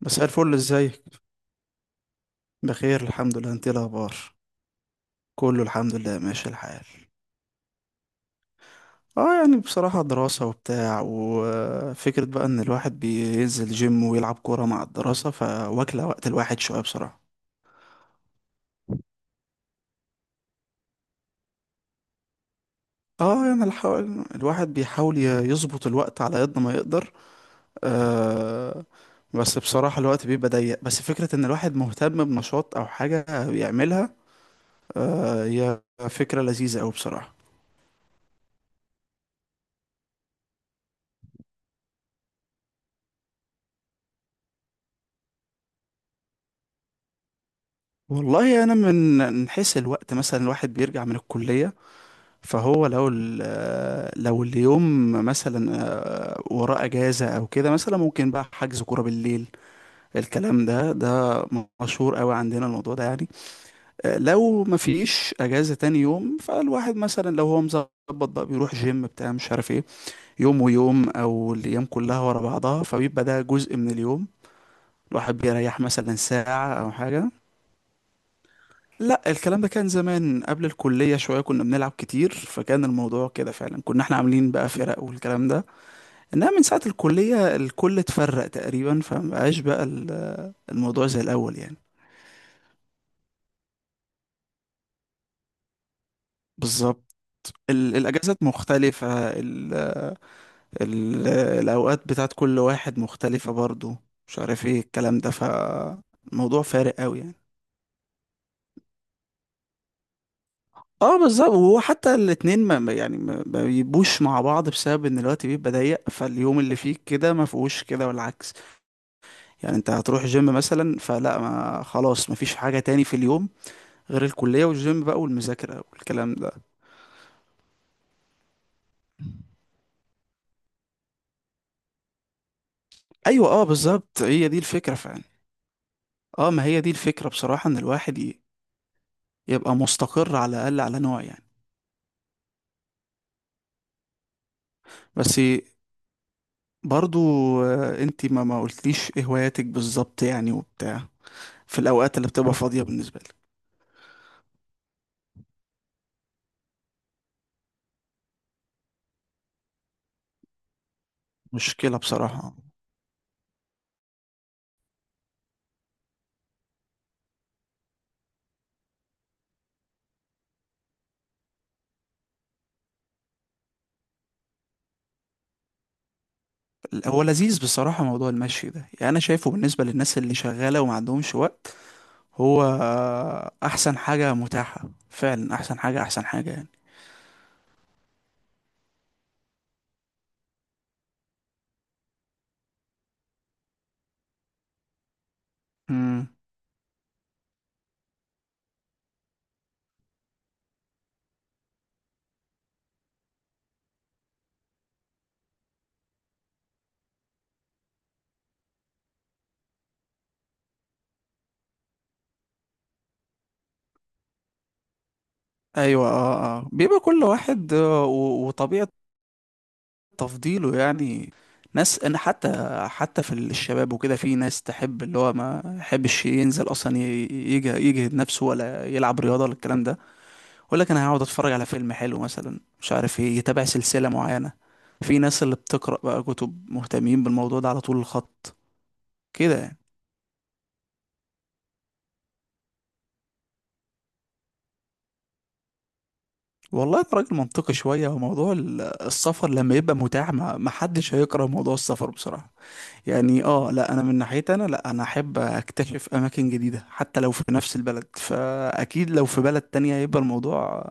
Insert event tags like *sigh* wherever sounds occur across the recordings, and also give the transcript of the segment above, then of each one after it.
مساء الفل، ازيك؟ بخير الحمد لله، انت ايه الاخبار؟ كله الحمد لله ماشي الحال. اه، يعني بصراحة دراسة وبتاع، وفكرة بقى ان الواحد بينزل جيم ويلعب كورة مع الدراسة، فواكلة وقت الواحد شوية بصراحة. اه، يعني الواحد بيحاول يظبط الوقت على قد ما يقدر. آه بس بصراحة الوقت بيبقى ضيق، بس فكرة ان الواحد مهتم بنشاط او حاجة بيعملها، هي فكرة لذيذة اوي بصراحة. والله انا من حيث الوقت، مثلا الواحد بيرجع من الكليه، فهو لو لو اليوم مثلا وراه اجازه او كده، مثلا ممكن بقى حجز كوره بالليل. الكلام ده مشهور قوي عندنا، الموضوع ده يعني. لو ما فيش اجازه تاني يوم، فالواحد مثلا لو هو مظبط بقى بيروح جيم بتاع مش عارف ايه، يوم ويوم، او الايام كلها ورا بعضها، فبيبقى ده جزء من اليوم، الواحد بيريح مثلا ساعه او حاجه. لا، الكلام ده كان زمان، قبل الكلية شوية كنا بنلعب كتير، فكان الموضوع كده فعلا، كنا احنا عاملين بقى فرق والكلام ده، انما من ساعة الكلية الكل اتفرق تقريبا، فمبقاش بقى الموضوع زي الأول يعني. بالظبط، الأجازات مختلفة، ال ال الأوقات بتاعت كل واحد مختلفة برضو، مش عارف ايه الكلام ده، فالموضوع فارق قوي يعني. اه بالظبط، وهو حتى الاتنين يعني ما بيبقوش مع بعض بسبب ان الوقت بيبقى ضيق، فاليوم اللي فيه كده ما فيهوش كده والعكس. يعني انت هتروح جيم مثلا، فلا، ما خلاص مفيش حاجة تاني في اليوم غير الكلية والجيم بقى والمذاكرة والكلام ده. ايوه اه بالظبط، هي دي الفكرة فعلا. اه، ما هي دي الفكرة بصراحة، ان الواحد يبقى مستقر على الاقل على نوع يعني. بس برضو، انت ما قلتليش ايه هواياتك بالظبط يعني وبتاع، في الاوقات اللي بتبقى فاضية بالنسبة لك. مشكلة بصراحة. هو لذيذ بصراحة موضوع المشي ده، يعني انا شايفه بالنسبة للناس اللي شغالة وما عندهمش وقت، هو احسن حاجة متاحة فعلا، احسن حاجة، احسن حاجة يعني. امم. ايوه، اه، اه، بيبقى كل واحد، وطبيعة تفضيله يعني. ناس، انا حتى في الشباب وكده في ناس تحب، اللي هو ما يحبش ينزل اصلا يجهد نفسه، ولا يلعب رياضة ولا الكلام ده، يقول لك انا هقعد اتفرج على فيلم حلو مثلا، مش عارف ايه، يتابع سلسلة معينة. في ناس اللي بتقرأ بقى كتب، مهتمين بالموضوع ده على طول الخط كده يعني. والله انت راجل منطقي شوية، وموضوع السفر لما يبقى متاح ما حدش هيكره موضوع السفر بصراحة، يعني اه لا، انا من ناحيتي انا لا، انا احب اكتشف اماكن جديدة حتى لو في نفس البلد، فاكيد لو في بلد تانية هيبقى الموضوع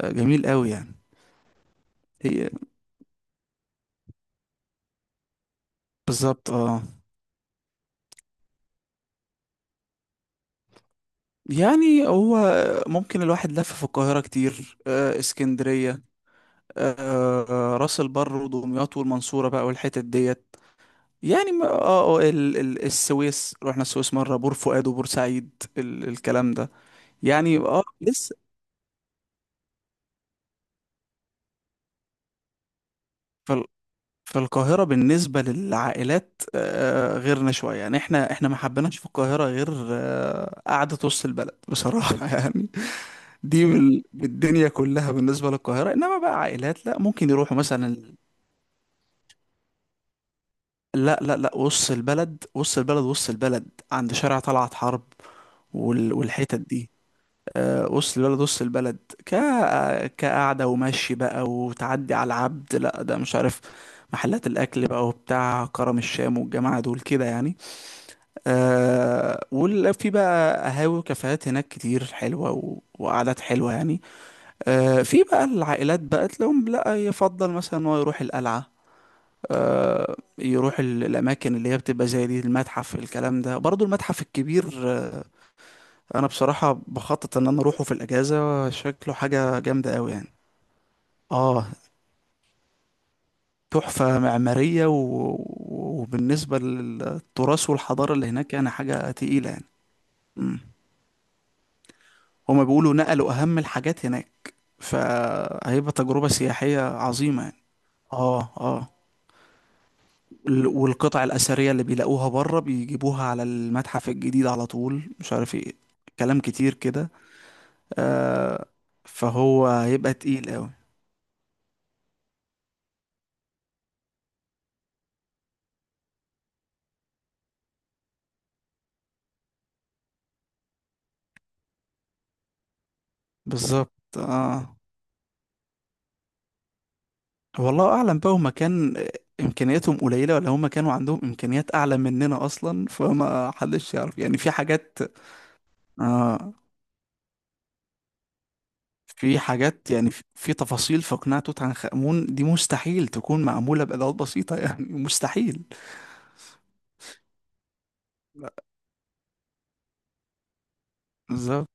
جميل قوي يعني. هي بالظبط اه. يعني هو ممكن الواحد لف في القاهرة كتير، اسكندرية، آه، راس البر ودمياط والمنصورة بقى والحتت ديت، يعني اه اه ال ال السويس، رحنا السويس مرة، بور فؤاد وبورسعيد، الكلام ده يعني. اه، لسه. فال- فالقاهرة بالنسبة للعائلات، غيرنا شوية يعني، احنا ما حبيناش في القاهرة غير قعدة وسط البلد بصراحة *laughs* يعني. دي بالدنيا كلها بالنسبة للقاهرة، انما بقى عائلات لا، ممكن يروحوا مثلا. لا، لا، لا، وسط البلد، وسط البلد، وسط البلد عند شارع طلعت حرب، والحتت دي. وسط البلد، وسط البلد، ك كقعدة ومشي بقى، وتعدي على العبد، لا ده مش عارف، محلات الأكل بقى وبتاع كرم الشام والجماعة دول كده يعني. وفي بقى قهاوي وكافيهات هناك كتير حلوة وقعدات حلوة يعني. في بقى العائلات بقى تلاقيهم، لا يفضل مثلا إن هو يروح القلعة، يروح الأماكن اللي هي بتبقى زي دي، المتحف الكلام ده برضو، المتحف الكبير. انا بصراحه بخطط ان انا اروحه في الاجازه، شكله حاجه جامده قوي يعني. اه، تحفه معماريه وبالنسبه للتراث والحضاره اللي هناك، يعني حاجه تقيله يعني. مم. هما بيقولوا نقلوا اهم الحاجات هناك، فهيبقى تجربه سياحيه عظيمه يعني. اه، اه، والقطع الاثريه اللي بيلاقوها بره بيجيبوها على المتحف الجديد على طول، مش عارف ايه، كلام كتير كده. آه فهو هيبقى تقيل قوي. بالظبط اه. والله اعلم بقى، هما كان امكانياتهم قليله ولا هما كانوا عندهم امكانيات اعلى مننا اصلا، فما حدش يعرف يعني، في حاجات، آه في حاجات يعني، في تفاصيل، في قناع توت عنخ امون دي مستحيل تكون معموله بادوات بسيطه *laughs* يعني مستحيل. بالظبط،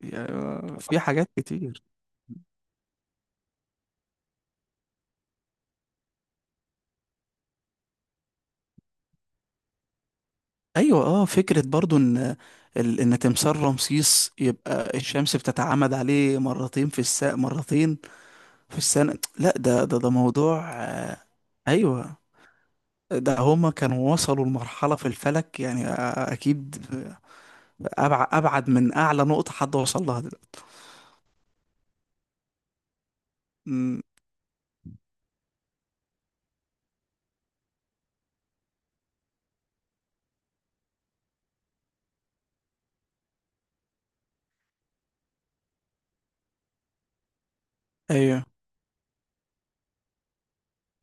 يعني في حاجات كتير. ايوه اه، فكره برضو ان ان تمثال رمسيس يبقى الشمس بتتعامد عليه مرتين في الساعه، مرتين في السنه، لا، ده موضوع ايوه، ده هما كانوا وصلوا لمرحلة في الفلك، يعني أكيد أبعد، أبعد من أعلى نقطة حد وصل لها دلوقتي. أمم، أيوه.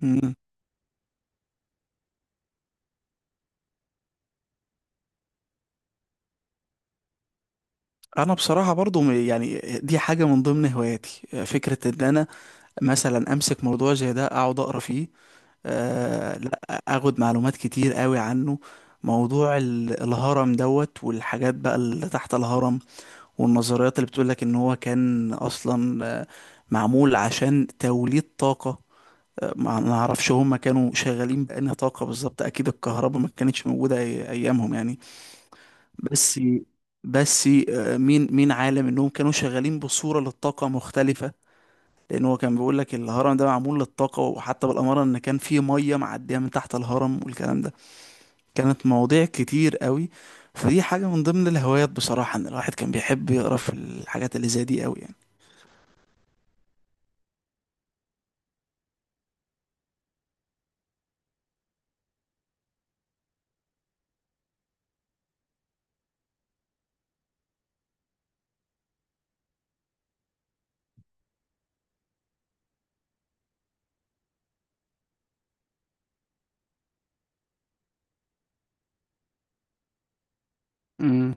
أمم. أنا بصراحة برضو يعني دي حاجة من ضمن هواياتي، فكرة إن أنا مثلا أمسك موضوع زي ده أقعد أقرأ فيه، لا أخد معلومات كتير قوي عنه. موضوع الهرم دوت والحاجات بقى اللي تحت الهرم، والنظريات اللي بتقولك إن هو كان أصلا معمول عشان توليد طاقة. ما اعرفش هم كانوا شغالين بأنهي طاقة بالظبط، اكيد الكهرباء ما كانتش موجودة ايامهم يعني. بس بس مين عالم انهم كانوا شغالين بصورة للطاقة مختلفة، لان هو كان بيقول لك الهرم ده معمول للطاقة، وحتى بالأمارة ان كان في مية معدية من تحت الهرم والكلام ده، كانت مواضيع كتير قوي. فدي حاجة من ضمن الهوايات بصراحة، ان الواحد كان بيحب يقرا في الحاجات اللي زي دي قوي يعني.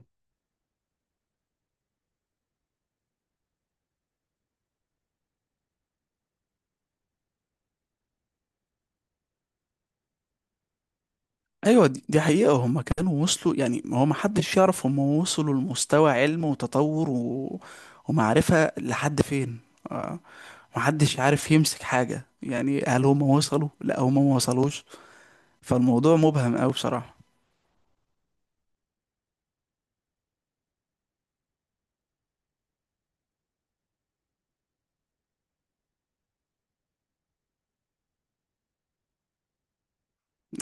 ايوه، دي حقيقة، هم كانوا وصلوا، يعني هو ما حدش يعرف هم وصلوا لمستوى علم وتطور ومعرفة لحد فين. آه، ما حدش عارف يمسك حاجة، يعني هل هم وصلوا، لا هم ما وصلوش، فالموضوع مبهم قوي بصراحة.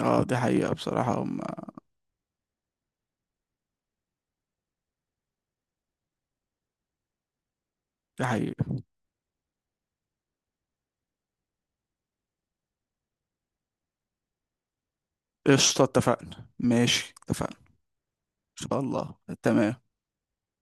اه دي حقيقة بصراحة، دي حقيقة. قشطة، اتفقنا، ماشي اتفقنا. ان شاء الله تمام.